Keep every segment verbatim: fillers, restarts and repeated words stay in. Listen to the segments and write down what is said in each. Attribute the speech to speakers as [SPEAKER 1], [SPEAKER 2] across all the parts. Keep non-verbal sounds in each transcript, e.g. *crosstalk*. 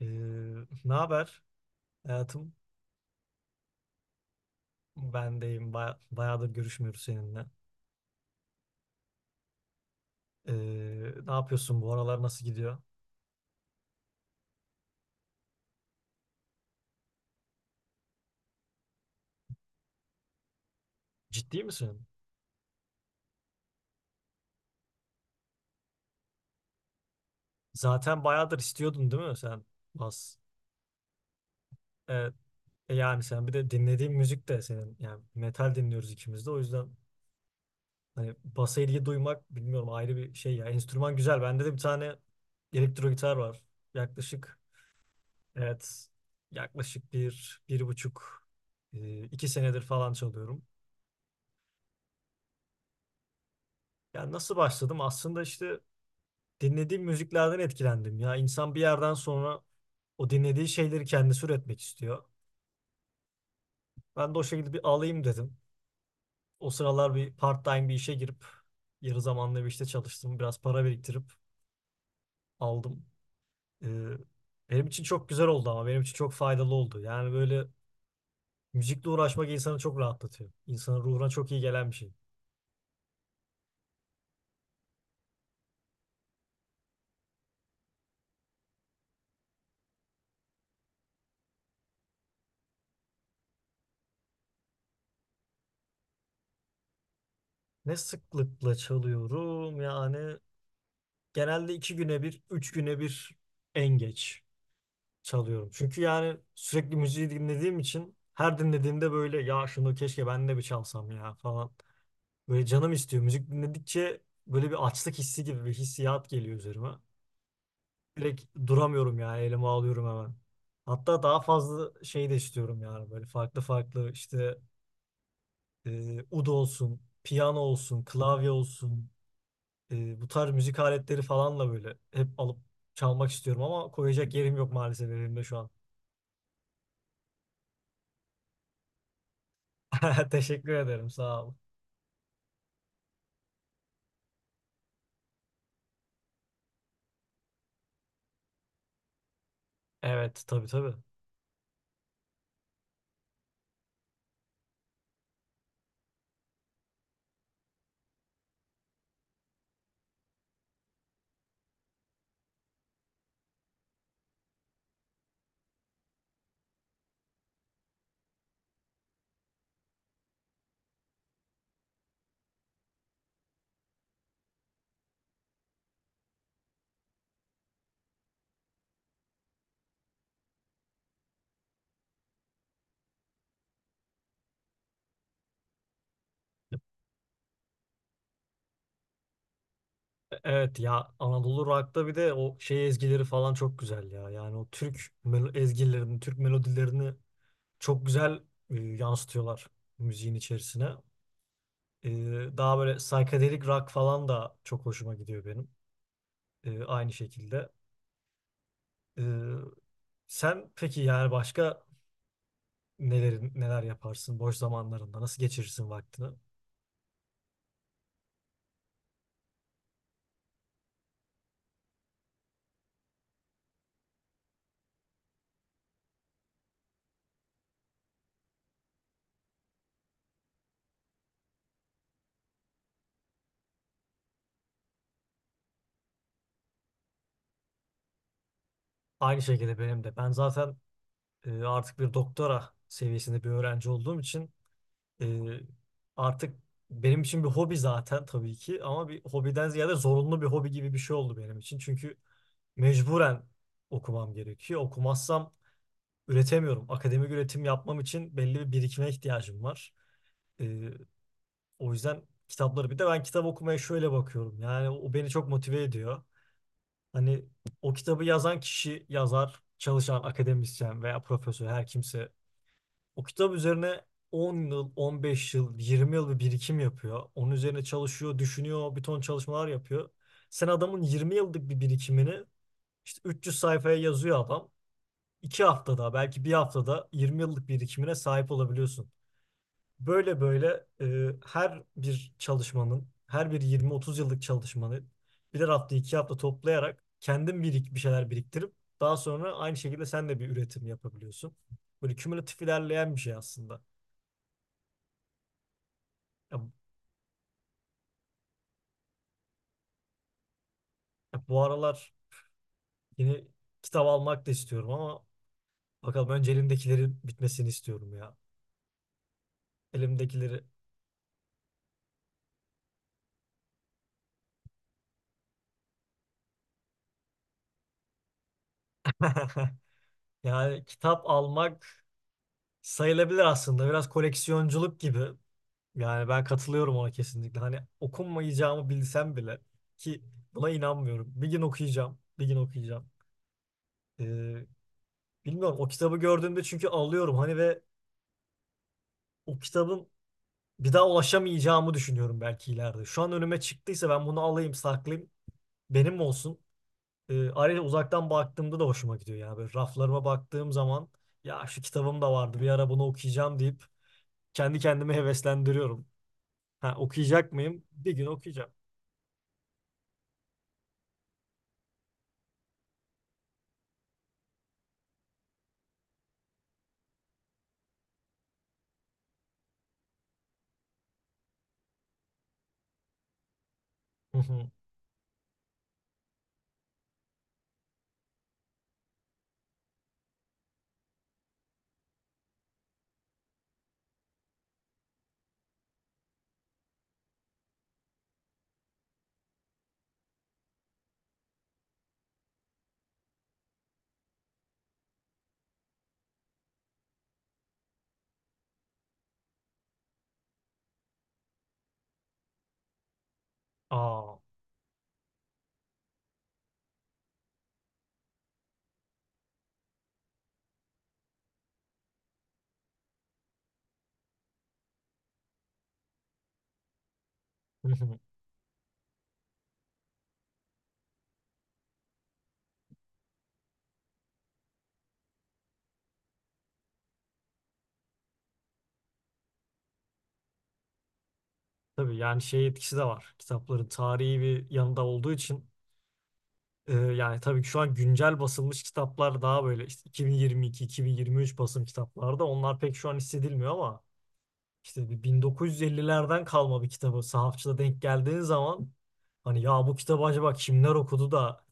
[SPEAKER 1] Ee, ne haber hayatım? Ben deyim. Baya- bayağıdır görüşmüyoruz seninle. Ee, ne yapıyorsun bu aralar, nasıl gidiyor? Ciddi misin? Zaten bayağıdır istiyordun değil mi sen? Bas. Evet. E yani sen bir de dinlediğin müzik de senin. Yani metal dinliyoruz ikimiz de. O yüzden hani basa ilgi duymak bilmiyorum, ayrı bir şey ya. Enstrüman güzel. Bende de bir tane elektro gitar var. Yaklaşık, evet, yaklaşık bir, bir buçuk, e, iki senedir falan çalıyorum. Yani nasıl başladım? Aslında işte dinlediğim müziklerden etkilendim. Ya insan bir yerden sonra o dinlediği şeyleri kendisi üretmek istiyor. Ben de o şekilde bir alayım dedim. O sıralar bir part-time bir işe girip yarı zamanlı bir işte çalıştım. Biraz para biriktirip aldım. Ee, benim için çok güzel oldu, ama benim için çok faydalı oldu. Yani böyle müzikle uğraşmak insanı çok rahatlatıyor. İnsanın ruhuna çok iyi gelen bir şey. Ne sıklıkla çalıyorum yani, genelde iki güne bir, üç güne bir en geç çalıyorum. Çünkü yani sürekli müziği dinlediğim için, her dinlediğimde böyle ya şunu keşke ben de bir çalsam ya falan. Böyle canım istiyor. Müzik dinledikçe böyle bir açlık hissi gibi bir hissiyat geliyor üzerime. Direkt duramıyorum, yani elime alıyorum hemen. Hatta daha fazla şey de istiyorum, yani böyle farklı farklı işte e, ud olsun, piyano olsun, klavye olsun, e, bu tarz müzik aletleri falanla böyle hep alıp çalmak istiyorum, ama koyacak yerim yok maalesef elimde şu an. *laughs* Teşekkür ederim, sağ ol. Evet, tabii tabii. E- Evet ya, Anadolu Rock'ta bir de o şey ezgileri falan çok güzel ya. Yani o Türk melo- ezgilerini, Türk melodilerini çok güzel e, yansıtıyorlar müziğin içerisine. E, daha böyle psychedelic rock falan da çok hoşuma gidiyor benim. E, aynı şekilde. E, sen peki yani, başka neler neler yaparsın boş zamanlarında? Nasıl geçirirsin vaktini? Aynı şekilde benim de. Ben zaten e, artık bir doktora seviyesinde bir öğrenci olduğum için Ee, artık benim için bir hobi zaten tabii ki, ama bir hobiden ziyade zorunlu bir hobi gibi bir şey oldu benim için. Çünkü mecburen okumam gerekiyor. Okumazsam üretemiyorum. Akademik üretim yapmam için belli bir birikime ihtiyacım var. Ee, o yüzden kitapları, bir de ben kitap okumaya şöyle bakıyorum. Yani o beni çok motive ediyor. Hani o kitabı yazan kişi, yazar, çalışan akademisyen veya profesör her kimse, o kitap üzerine on yıl, on beş yıl, yirmi yıl bir birikim yapıyor. Onun üzerine çalışıyor, düşünüyor, bir ton çalışmalar yapıyor. Sen adamın yirmi yıllık bir birikimini işte üç yüz sayfaya yazıyor adam. iki haftada, belki bir haftada yirmi yıllık birikimine sahip olabiliyorsun. Böyle böyle e, her bir çalışmanın, her bir yirmi otuz yıllık çalışmanı birer hafta, iki hafta toplayarak kendin birik, bir şeyler biriktirip daha sonra aynı şekilde sen de bir üretim yapabiliyorsun. Böyle kümülatif ilerleyen bir şey aslında. Ya, bu aralar yeni kitap almak da istiyorum, ama bakalım, önce elimdekilerin bitmesini istiyorum ya. Elimdekileri. *laughs* Yani kitap almak sayılabilir aslında. Biraz koleksiyonculuk gibi. Yani ben katılıyorum ona kesinlikle. Hani okunmayacağımı bilsem bile, ki buna inanmıyorum. Bir gün okuyacağım. Bir gün okuyacağım. Ee, bilmiyorum o kitabı gördüğümde, çünkü alıyorum hani ve o kitabın bir daha ulaşamayacağımı düşünüyorum belki ileride. Şu an önüme çıktıysa ben bunu alayım, saklayayım, benim olsun. E, ayrıca uzaktan baktığımda da hoşuma gidiyor. Yani böyle raflarıma baktığım zaman ya şu kitabım da vardı bir ara, bunu okuyacağım deyip kendi kendime heveslendiriyorum. Ha, okuyacak mıyım? Bir gün okuyacağım. Hı hı. Aa. Hı hı. Tabii yani şey etkisi de var. Kitapların tarihi bir yanında olduğu için e, yani tabii ki şu an güncel basılmış kitaplar, daha böyle işte iki bin yirmi iki, iki bin yirmi üç basım kitaplarda, onlar pek şu an hissedilmiyor, ama İşte bir bin dokuz yüz ellilerden kalma bir kitabı sahafçıda denk geldiğin zaman, hani ya bu kitabı acaba kimler okudu da,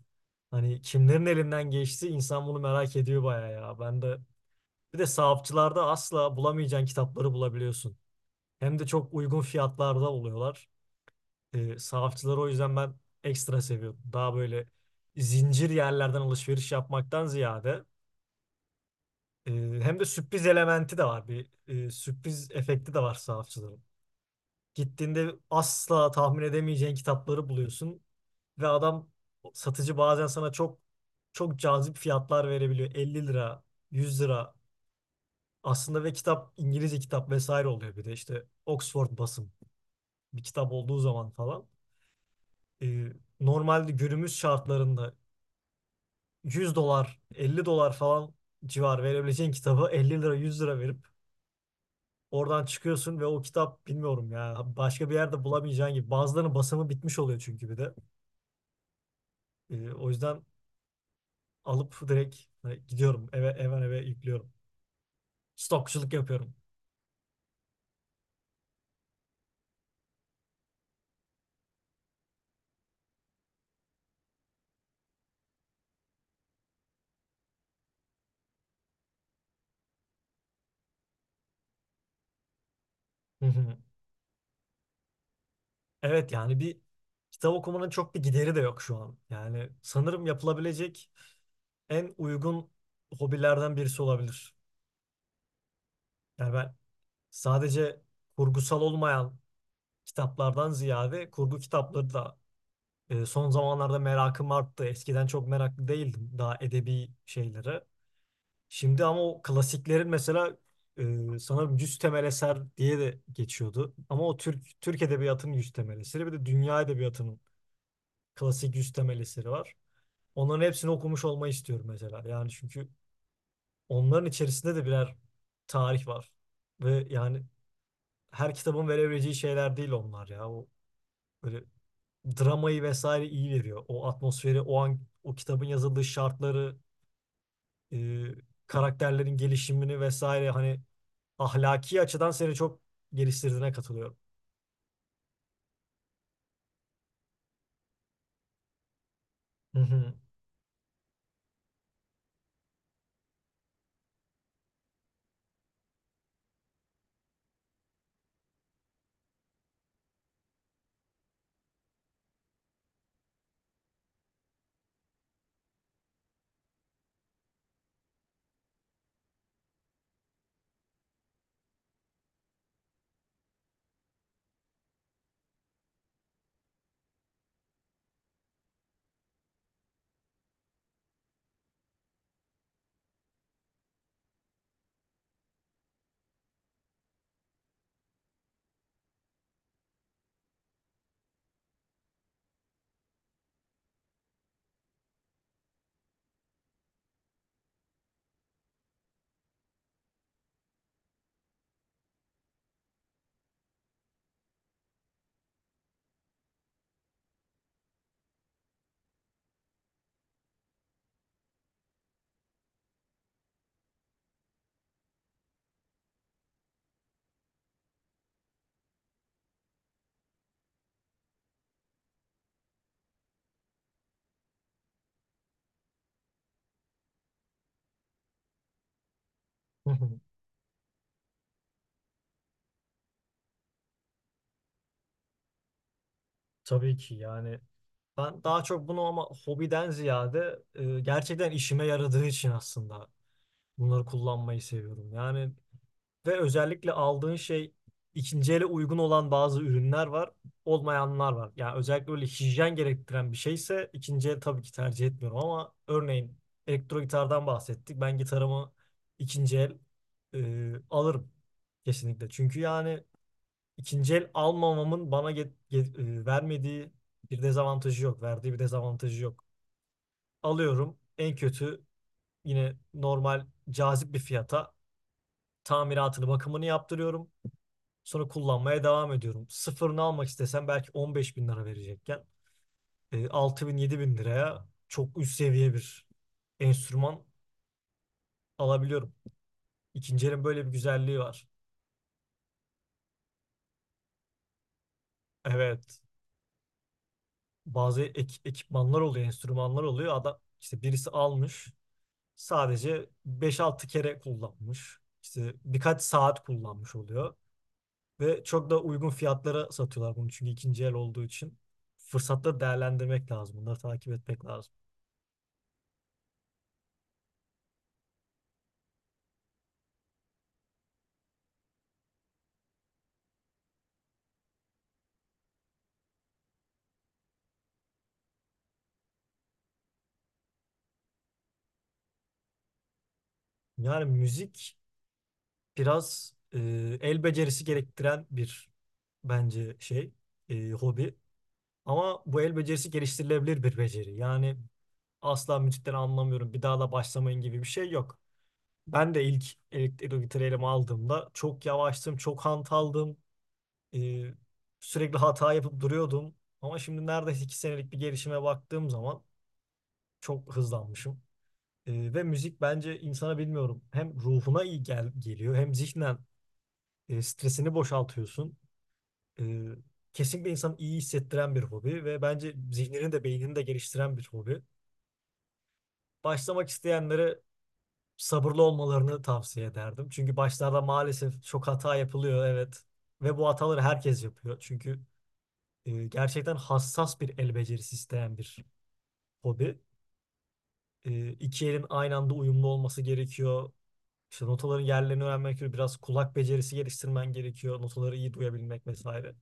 [SPEAKER 1] hani kimlerin elinden geçti, insan bunu merak ediyor bayağı ya. Ben de bir de, sahafçılarda asla bulamayacağın kitapları bulabiliyorsun. Hem de çok uygun fiyatlarda oluyorlar. Ee, sahafçıları o yüzden ben ekstra seviyorum. Daha böyle zincir yerlerden alışveriş yapmaktan ziyade e, hem de sürpriz elementi de var. Bir e, sürpriz efekti de var sahafçıların. Gittiğinde asla tahmin edemeyeceğin kitapları buluyorsun ve adam, satıcı bazen sana çok çok cazip fiyatlar verebiliyor. elli lira, yüz lira aslında, ve kitap İngilizce kitap vesaire oluyor, bir de işte Oxford basım bir kitap olduğu zaman falan. Ee, normalde günümüz şartlarında yüz dolar, elli dolar falan civar verebileceğin kitabı elli lira, yüz lira verip oradan çıkıyorsun, ve o kitap bilmiyorum ya, başka bir yerde bulamayacağın gibi. Bazılarının basımı bitmiş oluyor çünkü bir de. Ee, o yüzden alıp direkt hani gidiyorum eve eve eve yüklüyorum. Stokçuluk yapıyorum. Hı hı. Evet yani, bir kitap okumanın çok bir gideri de yok şu an. Yani sanırım yapılabilecek en uygun hobilerden birisi olabilir. Yani ben sadece kurgusal olmayan kitaplardan ziyade kurgu kitapları da e, son zamanlarda merakım arttı. Eskiden çok meraklı değildim daha edebi şeylere. Şimdi ama o klasiklerin mesela e, sanırım yüz temel eser diye de geçiyordu. Ama o Türk Türk edebiyatının yüz temel eseri, bir de dünya edebiyatının klasik yüz temel eseri var. Onların hepsini okumuş olmayı istiyorum mesela. Yani çünkü onların içerisinde de birer tarih var. Ve yani, her kitabın verebileceği şeyler değil onlar ya. O böyle dramayı vesaire iyi veriyor. O atmosferi, o an o kitabın yazıldığı şartları, e, karakterlerin gelişimini vesaire, hani ahlaki açıdan seni çok geliştirdiğine katılıyorum. Hı hı, hı hı. Tabii ki yani, ben daha çok bunu ama hobiden ziyade e, gerçekten işime yaradığı için aslında bunları kullanmayı seviyorum. Yani, ve özellikle aldığın şey ikinci ele uygun olan bazı ürünler var, olmayanlar var. Yani özellikle öyle hijyen gerektiren bir şeyse ikinci el tabii ki tercih etmiyorum, ama örneğin elektro gitardan bahsettik. Ben gitarımı ikinci el e, alırım kesinlikle. Çünkü yani, İkinci el almamamın bana get- get- e, vermediği bir dezavantajı yok. Verdiği bir dezavantajı yok. Alıyorum, en kötü yine normal cazip bir fiyata tamiratını bakımını yaptırıyorum. Sonra kullanmaya devam ediyorum. Sıfırını almak istesem belki on beş bin lira verecekken, e, altı bin yedi bin liraya çok üst seviye bir enstrüman alabiliyorum. İkinci elin böyle bir güzelliği var. Evet, bazı ek- ekipmanlar oluyor, enstrümanlar oluyor. Adam işte, birisi almış sadece beş altı kere kullanmış. İşte birkaç saat kullanmış oluyor. Ve çok da uygun fiyatlara satıyorlar bunu, çünkü ikinci el olduğu için. Fırsatları değerlendirmek lazım. Bunları takip etmek lazım. Yani müzik biraz e, el becerisi gerektiren bir bence şey, e, hobi. Ama bu el becerisi geliştirilebilir bir beceri. Yani asla müzikten anlamıyorum, bir daha da başlamayın gibi bir şey yok. Ben de ilk elektrik gitarı elime aldığımda çok yavaştım, çok hantaldım. Ee, sürekli hata yapıp duruyordum. Ama şimdi neredeyse iki senelik bir gelişime baktığım zaman çok hızlanmışım. Ee, ve müzik bence insana bilmiyorum, hem ruhuna iyi gel geliyor, hem zihnen e, stresini boşaltıyorsun. Ee, kesinlikle insanı iyi hissettiren bir hobi, ve bence zihnini de beynini de geliştiren bir hobi. Başlamak isteyenlere sabırlı olmalarını tavsiye ederdim. Çünkü başlarda maalesef çok hata yapılıyor, evet. Ve bu hataları herkes yapıyor. Çünkü E, gerçekten hassas bir el becerisi isteyen bir hobi. E, iki elin aynı anda uyumlu olması gerekiyor. İşte notaların yerlerini öğrenmek gerekiyor. Biraz kulak becerisi geliştirmen gerekiyor. Notaları iyi duyabilmek vesaire.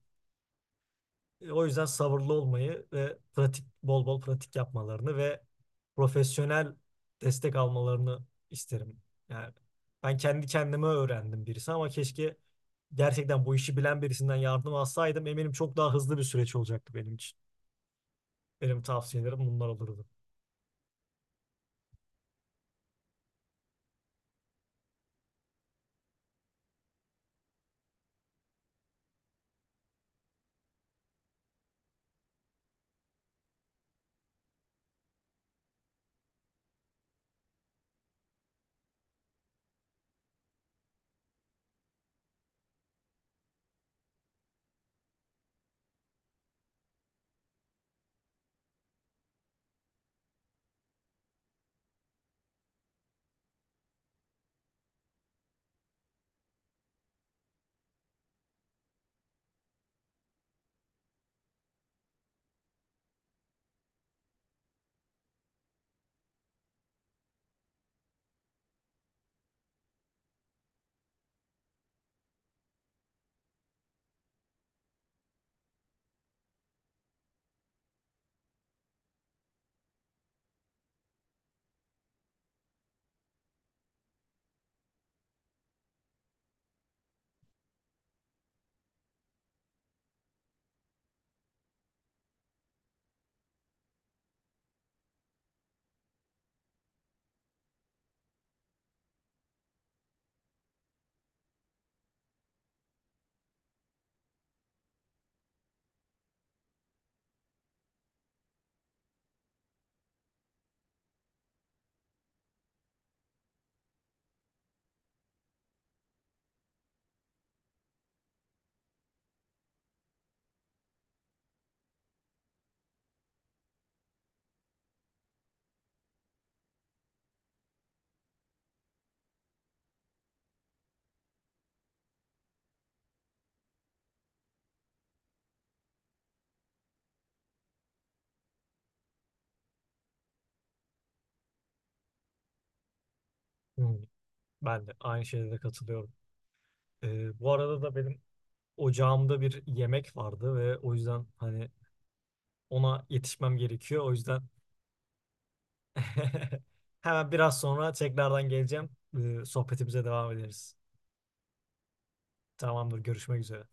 [SPEAKER 1] E, o yüzden sabırlı olmayı ve pratik, bol bol pratik yapmalarını ve profesyonel destek almalarını isterim. Yani ben kendi kendime öğrendim birisi, ama keşke gerçekten bu işi bilen birisinden yardım alsaydım, eminim çok daha hızlı bir süreç olacaktı benim için. Benim tavsiyelerim bunlar olurdu. Hmm, Ben de aynı şeylere katılıyorum. Ee, bu arada da benim ocağımda bir yemek vardı ve o yüzden hani ona yetişmem gerekiyor. O yüzden *laughs* hemen biraz sonra tekrardan geleceğim. Ee, sohbetimize devam ederiz. Tamamdır, görüşmek üzere.